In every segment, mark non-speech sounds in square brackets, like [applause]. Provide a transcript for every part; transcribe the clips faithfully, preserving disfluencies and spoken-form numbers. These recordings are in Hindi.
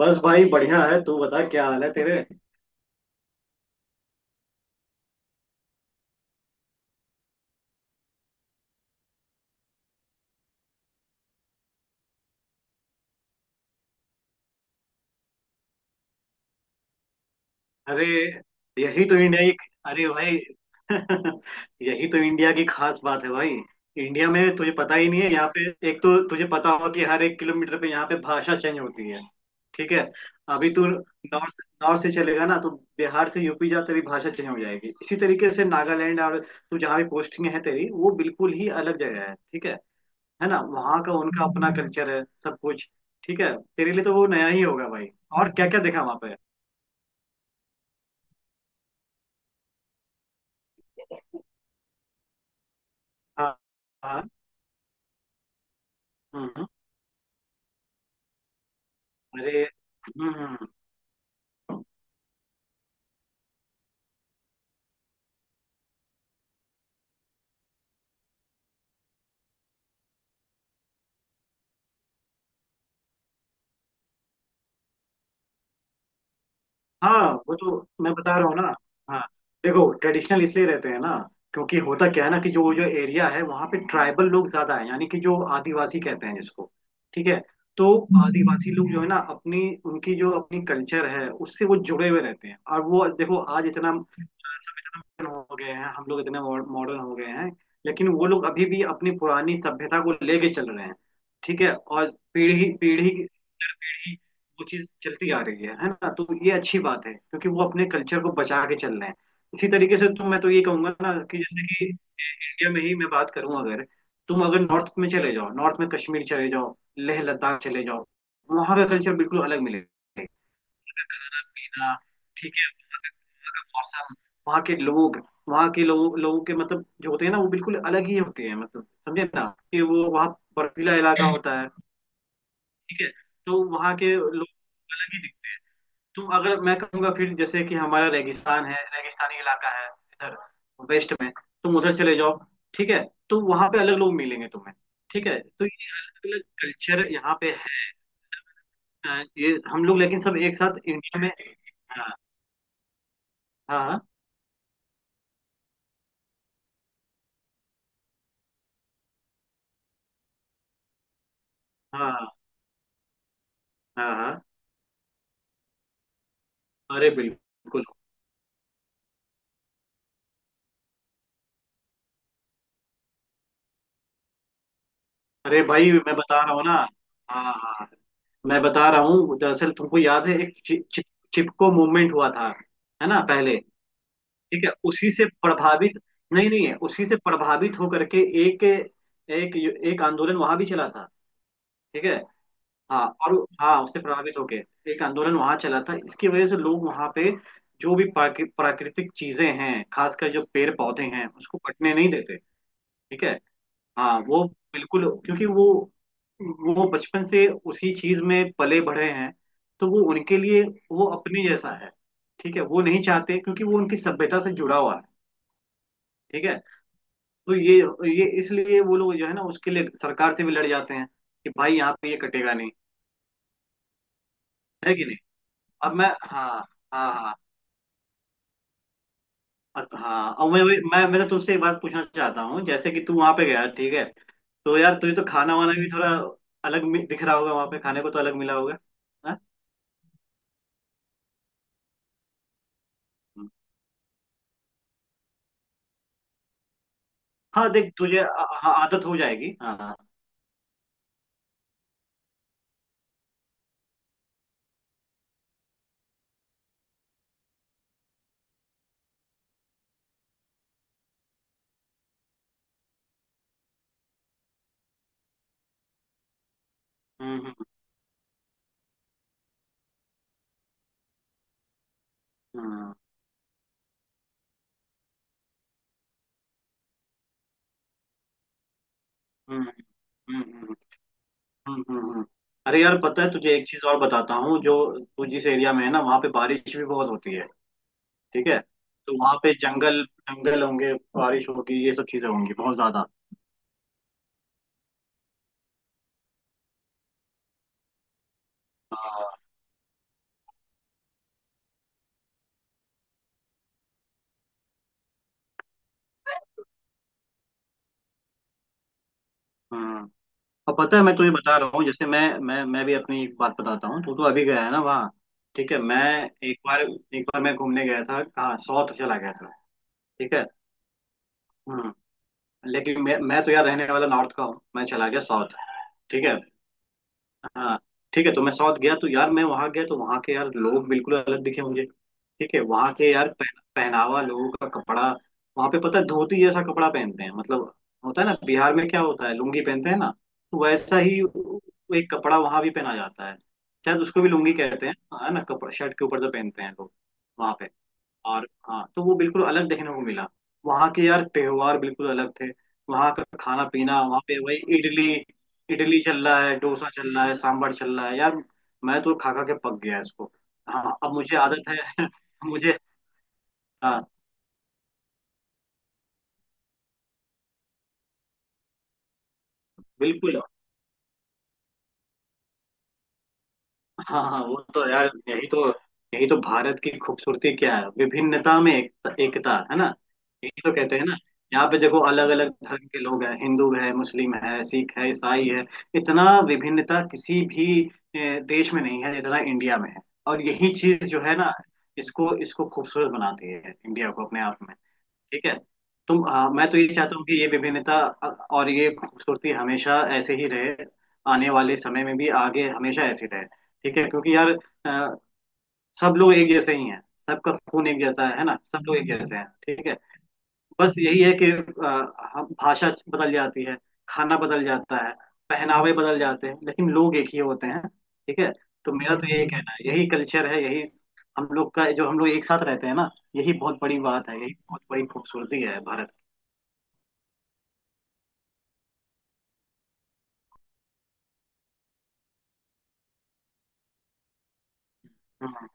बस भाई बढ़िया है। तू बता क्या हाल है तेरे। अरे यही तो इंडिया की। अरे भाई [laughs] यही तो इंडिया की खास बात है भाई। इंडिया में तुझे पता ही नहीं है, यहाँ पे एक तो तुझे पता होगा कि हर एक किलोमीटर पे यहाँ पे भाषा चेंज होती है। ठीक है। अभी तू नॉर्थ से- नॉर्थ से चलेगा ना तो बिहार से यूपी जा, तेरी भाषा चेंज हो जाएगी। इसी तरीके से नागालैंड, और तू जहाँ भी पोस्टिंग है तेरी, वो बिल्कुल ही अलग जगह है। ठीक है। है ना, वहां का उनका अपना कल्चर है सब कुछ। ठीक है, तेरे लिए तो वो नया ही होगा भाई। और क्या क्या देखा वहां पे। हाँ हाँ। हम्म हम्म, अरे हम्म हम्म, हाँ वो तो, मैं बता रहा हूँ ना। हाँ, देखो ट्रेडिशनल इसलिए रहते हैं ना, क्योंकि होता क्या है ना कि जो जो एरिया है वहाँ पे ट्राइबल लोग ज्यादा हैं, यानी कि जो आदिवासी कहते हैं जिसको। ठीक है। तो आदिवासी लोग जो है ना अपनी, उनकी जो अपनी कल्चर है उससे वो जुड़े हुए रहते हैं। और वो देखो, आज इतना हो गए हैं, हम लोग इतने मॉडर्न हो गए हैं, लेकिन वो लोग अभी भी अपनी पुरानी सभ्यता को लेके चल रहे हैं। ठीक है। और पीढ़ी पीढ़ी पीढ़ी वो चीज चलती आ रही है है ना। तो ये अच्छी बात है क्योंकि वो अपने कल्चर को बचा के चल रहे हैं। इसी तरीके से तुम, मैं तो ये कहूंगा ना कि जैसे कि इंडिया में ही मैं बात करूं अगर, तुम अगर नॉर्थ में चले जाओ, नॉर्थ में कश्मीर चले जाओ, लेह लद्दाख चले जाओ, वहां का कल्चर बिल्कुल अलग मिलेगा। खाना पीना, ठीक, मौसम, वहाँ के लोग, वहाँ के लोग, लोगों के मतलब जो होते हैं ना, वो बिल्कुल अलग ही होते हैं, मतलब समझे ना, कि वो वहाँ बर्फीला इलाका हम्म, होता है। ठीक है। तो वहाँ के लोग अलग ही दिखते हैं। तुम अगर, मैं कहूँगा फिर जैसे कि हमारा रेगिस्तान है, रेगिस्तानी इलाका है इधर वेस्ट में, तुम उधर चले जाओ, ठीक है, तो वहाँ पे अलग लोग मिलेंगे तुम्हें। ठीक है, तो ये अलग अलग कल्चर यहाँ पे है। अ, ये हम लोग लेकिन सब एक साथ इंडिया में। हाँ हाँ हाँ। हाँ हाँ। अरे बिल्कुल। अरे भाई मैं बता रहा हूँ ना। हाँ हाँ। मैं बता रहा हूँ, दरअसल तुमको याद है, एक चि, चि, चिपको मूवमेंट हुआ था, है ना पहले। ठीक है, उसी से प्रभावित, नहीं नहीं है, उसी से प्रभावित होकर के एक एक एक आंदोलन वहां भी चला था। ठीक है। हाँ। और हाँ, उससे प्रभावित होके एक आंदोलन वहां चला था, इसकी वजह से लोग वहां पे जो भी प्राकृ- प्राकृतिक चीजें हैं, खासकर जो पेड़ पौधे हैं, उसको कटने नहीं देते। ठीक है। हाँ, वो बिल्कुल, क्योंकि वो वो बचपन से उसी चीज में पले बढ़े हैं, तो वो उनके लिए, वो अपने जैसा है। ठीक है, वो नहीं चाहते क्योंकि वो उनकी सभ्यता से जुड़ा हुआ है। ठीक है। तो ये ये इसलिए वो लोग जो है ना, उसके लिए सरकार से भी लड़ जाते हैं कि भाई यहाँ पे ये कटेगा नहीं। है कि नहीं। अब मैं हाँ हाँ हाँ अत- हाँ अब मैं मैं मैं तो तुमसे एक बात पूछना चाहता हूँ। जैसे कि तू वहां पे गया, ठीक है, तो यार तुझे तो खाना वाना भी थोड़ा अलग मि- दिख रहा होगा, वहां पे खाने को तो अलग मिला होगा। हाँ? हाँ, देख तुझे आ- आ- आदत हो जाएगी। हाँ हाँ। हम्म हम्म हम्म हम्म हम्म हम्म, हम्म, हम्म। हम्म। अरे यार पता है तुझे एक चीज और बताता हूँ जो, तू जिस एरिया में है ना वहाँ पे बारिश भी बहुत होती है। ठीक है। तो वहाँ पे जंगल, जंगल होंगे, बारिश होगी, ये सब चीजें होंगी बहुत ज्यादा। हाँ, हम्म और पता है, मैं तुझे बता रहा हूँ, जैसे मैं मैं मैं भी अपनी एक बात बताता हूँ। तू तो अभी गया है ना वहाँ, ठीक है, मैं एक बार एक बार मैं घूमने गया था, हाँ साउथ चला गया था। ठीक है। हम्म। लेकिन मैं मैं तो यार रहने वाला नॉर्थ का हूँ, मैं चला गया साउथ, ठीक है। हाँ। ठीक है, तो मैं साउथ गया, तो यार मैं वहां गया तो वहां के यार लोग बिल्कुल अलग दिखे मुझे। ठीक है, वहां के यार पह- पहनावा, लोगों का कपड़ा, वहां पे पता है धोती जैसा कपड़ा पहनते हैं मतलब, होता है ना, बिहार में क्या होता है, लुंगी पहनते हैं ना, तो वैसा ही एक कपड़ा वहां भी पहना जाता है, शायद उसको भी लुंगी कहते हैं, है ना। कपड़ा शर्ट के ऊपर जो पहनते हैं लोग वहां पे। और हाँ, तो वो बिल्कुल अलग देखने को मिला। वहाँ के यार त्योहार बिल्कुल अलग थे। वहाँ का खाना पीना, वहाँ पे वही इडली, इडली चल रहा है, डोसा चल रहा है, सांभर चल रहा है यार। मैं तो खा खा के पक गया इसको। हाँ, अब मुझे आदत है [laughs] मुझे। हाँ, बिल्कुल। हाँ हाँ, वो तो यार यही तो, यही तो भारत की खूबसूरती क्या है, विभिन्नता में एक, एकता है ना। यही तो कहते हैं ना। यहाँ पे देखो अलग अलग धर्म के लोग हैं, हिंदू है, मुस्लिम है, सिख है, ईसाई है, इतना विभिन्नता किसी भी ए, देश में नहीं है जितना इंडिया में है। और यही चीज जो है ना, इसको इसको खूबसूरत बनाती है इंडिया को अपने आप में। ठीक है। तुम आ, मैं तो ये चाहता हूँ कि ये विभिन्नता अ, और ये खूबसूरती हमेशा ऐसे ही रहे, आने वाले समय में भी आगे हमेशा ऐसे रहे। ठीक है, क्योंकि यार अ, सब लोग एक जैसे ही हैं, सबका खून एक जैसा है है ना, सब लोग एक जैसे हैं, ठीक है। बस यही है कि अ, हम- भाषा बदल जाती है, खाना बदल जाता है, पहनावे बदल जाते हैं, लेकिन लोग एक ही होते हैं, ठीक है। तो मेरा तो यही कहना है, यही कल्चर है, यही हम लोग का, जो हम लोग एक साथ रहते हैं ना, यही बहुत बड़ी बात है, यही बहुत बड़ी खूबसूरती है भारत। हाँ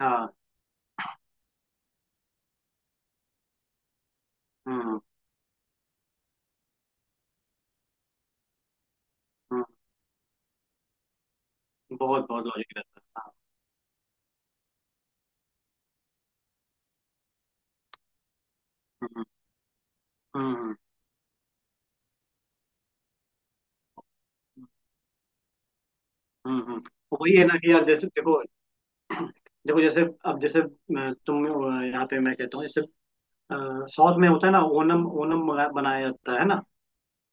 हाँ हाँ। हाँ, बहुत बहुत लॉजिक रहता है, हाँ। हम्म हम्म हम्म। हम्म। हम्म, हम्म, तो वही है ना कि यार, जैसे देखो [clears throat] देखो जैसे, अब जैसे अ, तुम अ, यहाँ पे मैं कहता हूँ जैसे, अ, साउथ में होता है ना ओनम, ओनम मना- मनाया जाता है ना,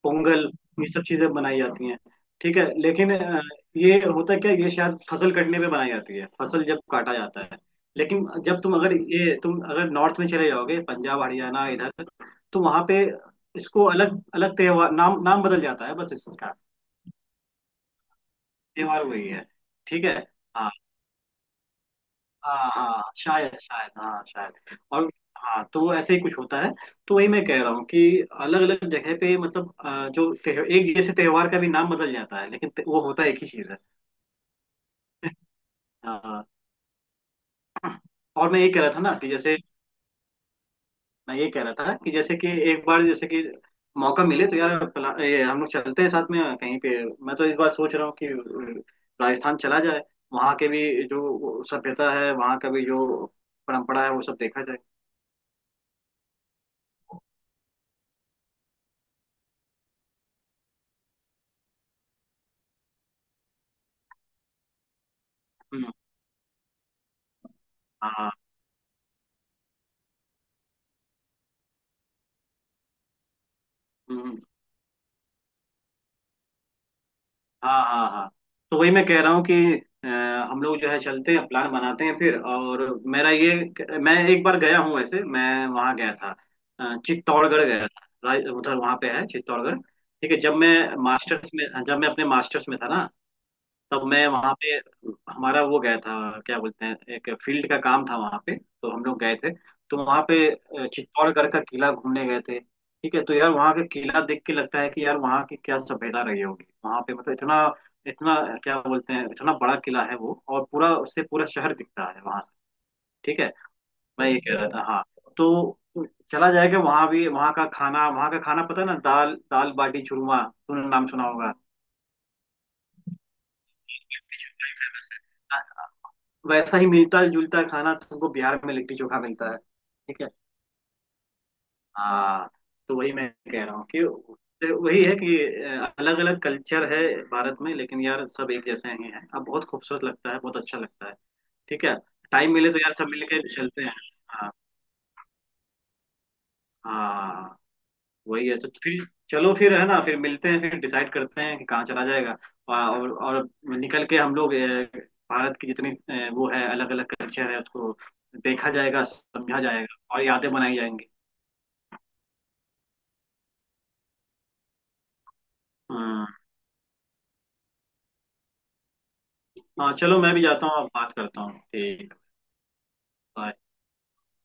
पोंगल, ये सब चीजें बनाई जाती हैं, ठीक है। लेकिन अ, ये होता क्या है, ये शायद फसल कटने पे बनाई जाती है, फसल जब काटा जाता है, लेकिन जब तुम अगर ये, तुम अगर नॉर्थ में चले जाओगे पंजाब हरियाणा इधर, तो वहां पे इसको अलग अलग त्योहार, नाम नाम बदल जाता है बस इसका, त्योहार वही है। ठीक है। हाँ हाँ हाँ, शायद शायद हाँ शायद। और हाँ, तो वो ऐसे ही कुछ होता है। तो वही मैं कह रहा हूँ कि अलग अलग जगह पे मतलब अ, जो त्योह- एक जैसे त्योहार का भी नाम बदल जाता है, लेकिन ते- वो होता एक ही चीज है। [laughs] हाँ। और मैं ये कह रहा था ना कि जैसे, मैं ये कह रहा था कि जैसे कि एक बार जैसे कि, मौका मिले तो यार प्ला- ये हम लोग चलते हैं साथ में कहीं पे। मैं तो इस बार सोच रहा हूँ कि राजस्थान चला जाए, वहाँ के भी जो सभ्यता है, वहाँ का भी जो परंपरा है, वो सब देखा जाए। हम्म, हाँ। हम्म। हाँ हाँ हाँ। तो वही मैं कह रहा हूँ कि अ, हम लोग जो है चलते हैं, प्लान बनाते हैं फिर। और मेरा ये, मैं एक बार गया हूँ वैसे, मैं वहाँ गया था, अ, चित्तौड़गढ़ गया था, राज- उधर वहाँ पे है चित्तौड़गढ़। ठीक है, जब मैं मास्टर्स में, जब मैं अपने मास्टर्स में था ना, तब मैं वहाँ पे, हमारा वो गया था, क्या बोलते हैं, एक फील्ड का काम था वहाँ पे, तो हम लोग गए थे। तो वहाँ पे अ, चित्तौड़गढ़ का किला घूमने गए थे। ठीक है, तो यार वहाँ का किला देख के लगता है कि यार वहाँ की क्या सभ्यता रही होगी, वहाँ पे मतलब इतना इतना, क्या बोलते हैं, इतना बड़ा किला है वो, और पूरा, उससे पूरा शहर दिखता है वहाँ से। ठीक है। मैं ये कह रहा था हाँ, तो चला जाएगा वहाँ भी, वहाँ का खाना, वहाँ का खाना पता है ना, दाल दाल बाटी चूरमा, तूने नाम सुना होगा। वैसा ही मिलता जुलता खाना तुमको बिहार में लिट्टी चोखा मिलता है, ठीक है। हाँ। तो वही मैं कह रहा हूँ कि, तो वही है कि अलग अलग कल्चर है भारत में, लेकिन यार सब एक जैसे ही हैं। अब बहुत खूबसूरत लगता है, बहुत अच्छा लगता है। ठीक है। टाइम मिले तो यार सब मिलके चलते हैं। हाँ हाँ। वही है तो फिर, चलो फिर है ना, फिर मिलते हैं, फिर डिसाइड करते हैं कि कहाँ चला जाएगा। और और निकल के हम लोग, अ, भारत की जितनी, अ, वो है अलग अलग कल्चर है, उसको देखा जाएगा, समझा जाएगा, और यादें बनाई जाएंगी। हम्म। हाँ चलो, मैं भी जाता हूँ, अब बात करता हूँ, ठीक है, bye.